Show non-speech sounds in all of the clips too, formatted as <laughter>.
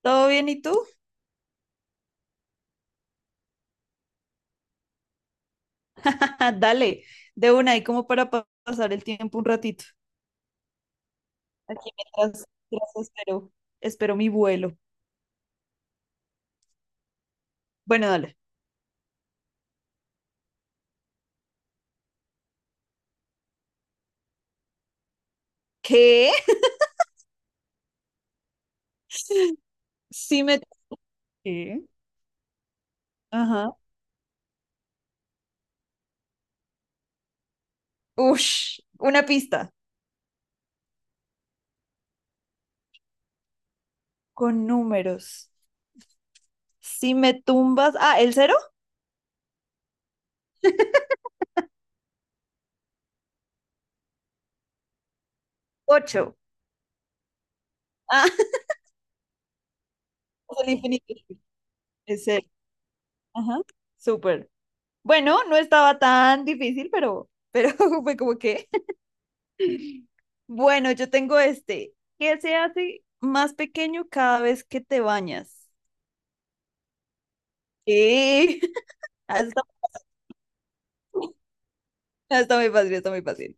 ¿Todo bien y tú? <laughs> Dale, de una ahí como para pasar el tiempo un ratito. Aquí mientras, mientras espero, espero mi vuelo. Bueno, dale. ¿Qué? Sí me... ¿Qué? Ajá. Ush, una pista con números. Si me tumbas... Ah, ¿el cero? Ocho. Ah, <laughs> es el infinito. Es el. Ajá. Súper. Bueno, no estaba tan difícil, pero <laughs> fue como que... Bueno, yo tengo este. ¿Qué se hace más pequeño cada vez que te bañas? ¿Qué? <laughs> Ah, está, ah, está muy fácil, está muy fácil.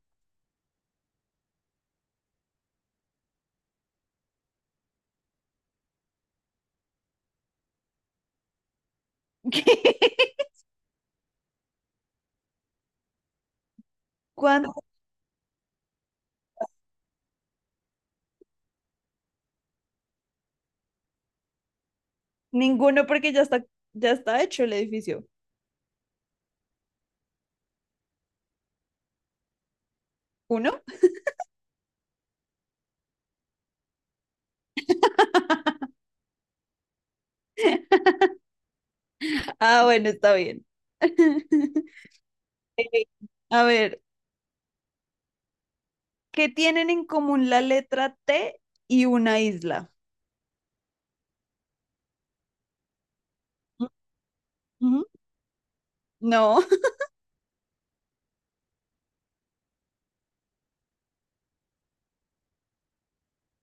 <laughs> ¿Qué? ¿Cuándo? Ninguno, porque ya está hecho el edificio. ¿Uno? <laughs> Ah, bueno, está bien. <laughs> Eh, A ver, ¿qué tienen en común la letra T y una isla? Ujú. No, <laughs>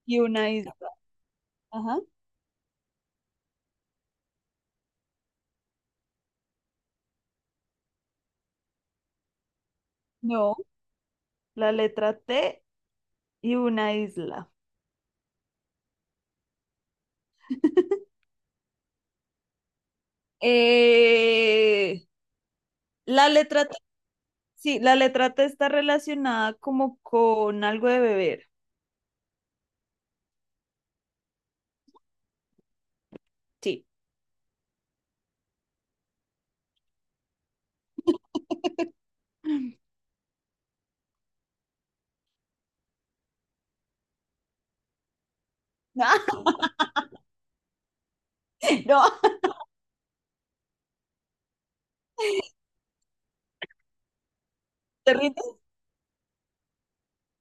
y una isla. Ajá. No, la letra T y una isla. <laughs> Eh, la letra, T- sí, la letra T está relacionada como con algo de beber. Sí. <laughs> No, no, ¿te rindes?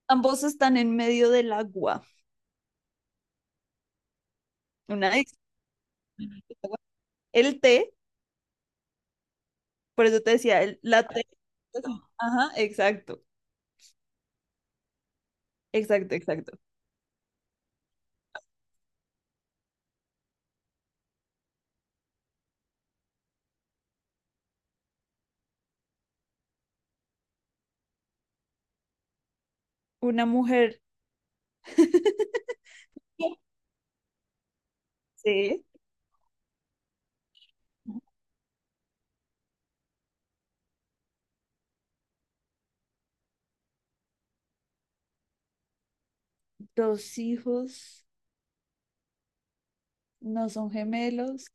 Ambos están en medio del agua. Una isla. El té, por eso te decía, la T. Ajá, exacto, exacto, exacto. Una mujer. <laughs> Sí. Dos hijos, no son gemelos.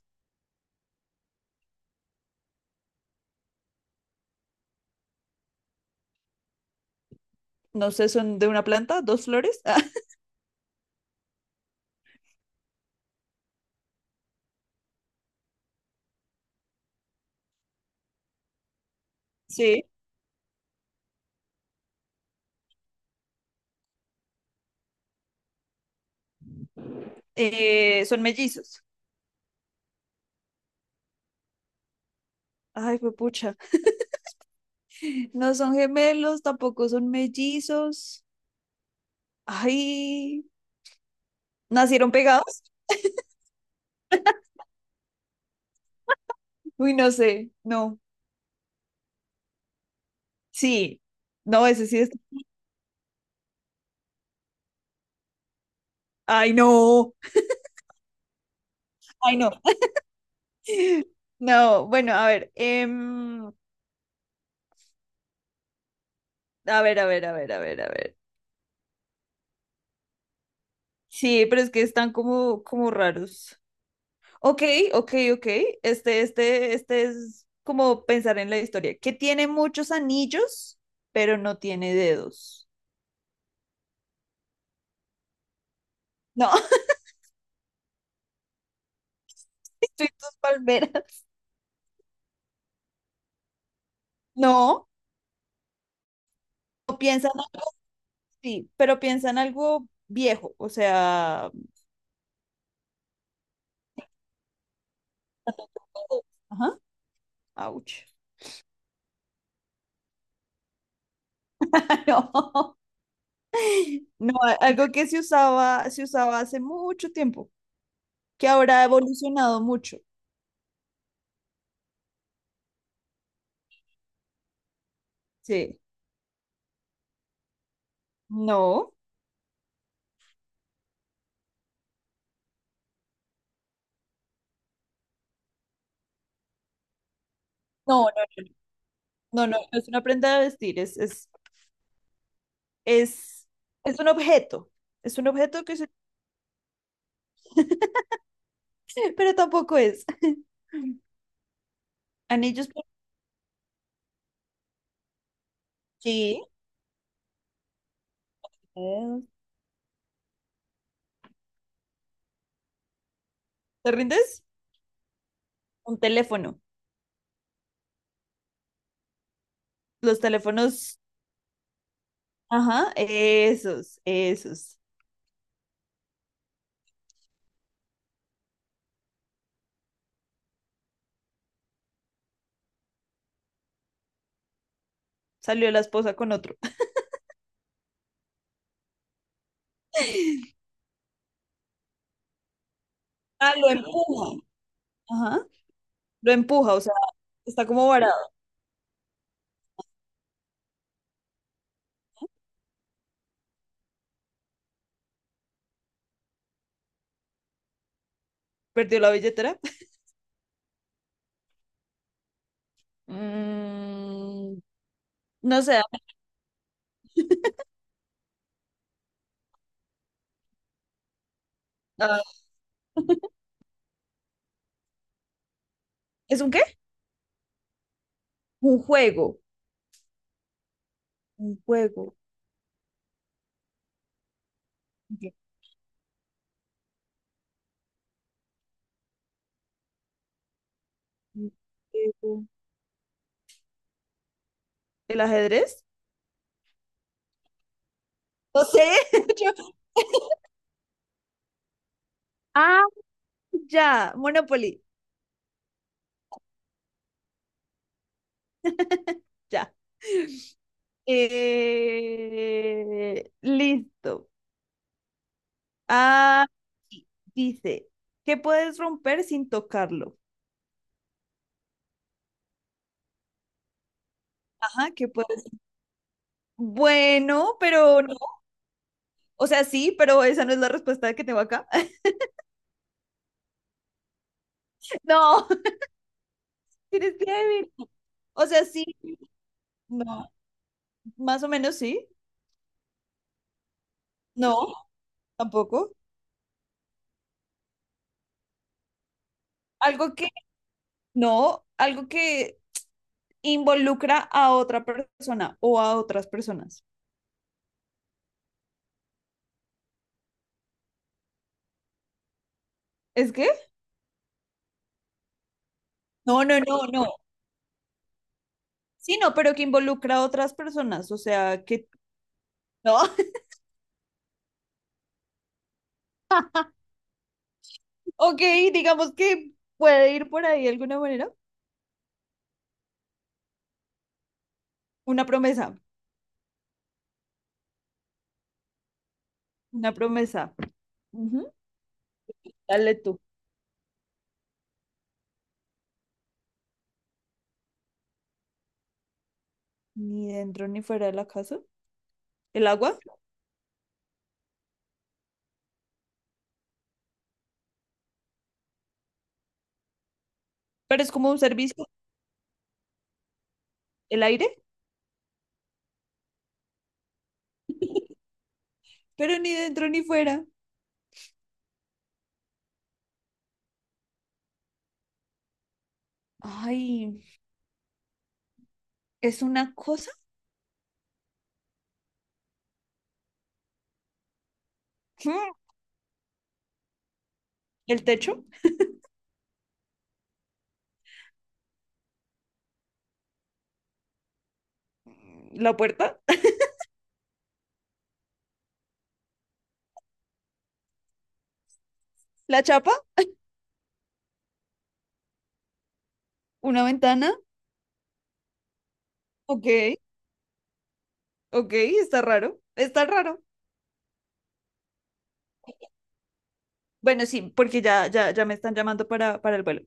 No sé, son de una planta, dos flores. <laughs> Sí. Son mellizos. Ay, fue pucha. <laughs> No son gemelos, tampoco son mellizos. Ay, ¿nacieron pegados? Uy, no sé. No. Sí. No, ese sí es. Ay, no. Ay, no. <laughs> No, bueno, a ver. A ver, a ver, a ver, a ver, a ver. Sí, pero es que están como, como raros. Ok, ok, ok. Este es como pensar en la historia. Que tiene muchos anillos, pero no tiene dedos. No. <laughs> Y tus palmeras. <laughs> No, o piensan así, pero piensan algo viejo, o sea, ajá, ouch. <laughs> No, no, algo que se usaba hace mucho tiempo, que ahora ha evolucionado mucho. Sí. No, no, no es una prenda de vestir, es, es un objeto. Es un objeto que se... <laughs> pero tampoco es. Anillos, sí. Eh, ¿te rindes? Un teléfono. Los teléfonos ajá, esos, esos. Salió la esposa con otro. <laughs> Ah, lo empuja. Ajá, lo empuja, o sea, está como varado. Perdió la billetera. <laughs> Mm, no sé. Ah, ¿es un qué? Un juego. Un juego. Ok, un juego. ¿El ajedrez? No sé. <laughs> yo- Ah, ya, Monopoly, ya. Listo. Ah, sí, dice, ¿qué puedes romper sin tocarlo? Ah, que puedes. Bueno, pero no. O sea, sí, pero esa no es la respuesta que tengo acá. <laughs> No, eres débil. O sea, sí, no, más o menos sí. No, tampoco. Algo que no, algo que involucra a otra persona o a otras personas. ¿Es que? No, no, no, no. Sí, no, pero que involucra a otras personas. O sea, que no. <laughs> Ok, digamos que puede ir por ahí de alguna manera. Una promesa, una promesa. Ujú, dale tú. Ni dentro ni fuera de la casa. ¿El agua? Pero es como un servicio. ¿El aire? Pero ni dentro ni fuera. Ay, ¿es una cosa? <laughs> Mm, ¿el techo? Mm, ¿la puerta? <laughs> ¿La chapa? ¿Una ventana? Ok, ok, está raro. Está raro. Bueno, sí, porque ya, ya, ya me están llamando para el vuelo.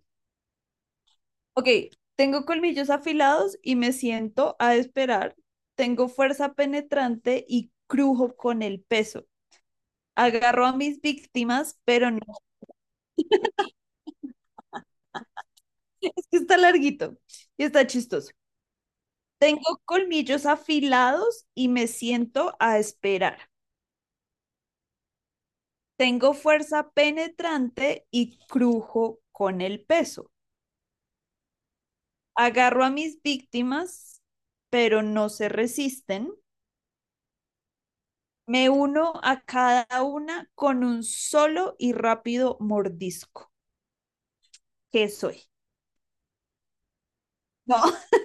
Ok, tengo colmillos afilados y me siento a esperar. Tengo fuerza penetrante y crujo con el peso. Agarro a mis víctimas, pero es que está larguito y está chistoso. Tengo colmillos afilados y me siento a esperar. Tengo fuerza penetrante y crujo con el peso. Agarro a mis víctimas, pero no se resisten. Me uno a cada una con un solo y rápido mordisco. ¿Qué soy? No, <laughs>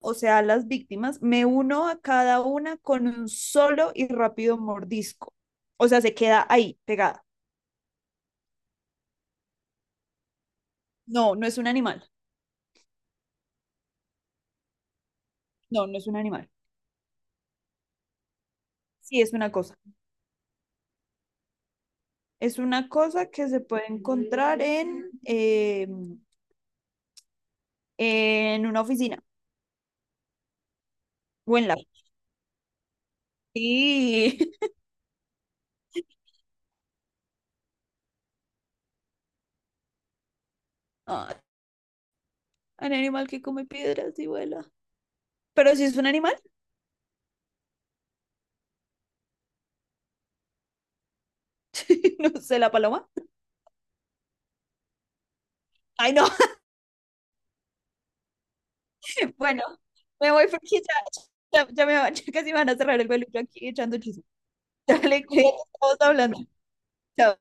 o sea, las víctimas, me uno a cada una con un solo y rápido mordisco. O sea, se queda ahí, pegada. No, no es un animal. No, no es un animal. Sí, es una cosa. Es una cosa que se puede encontrar en una oficina o en la... Sí. <laughs> Ah, un animal que come piedras y vuela. Pero si es un animal, <laughs> no sé, la paloma. Ay, no. <laughs> Bueno, me voy porque ya, ya, <laughs> ya casi me van a cerrar el peluche aquí echando chisme. <laughs> Dale, cuídate, estamos hablando. Chao.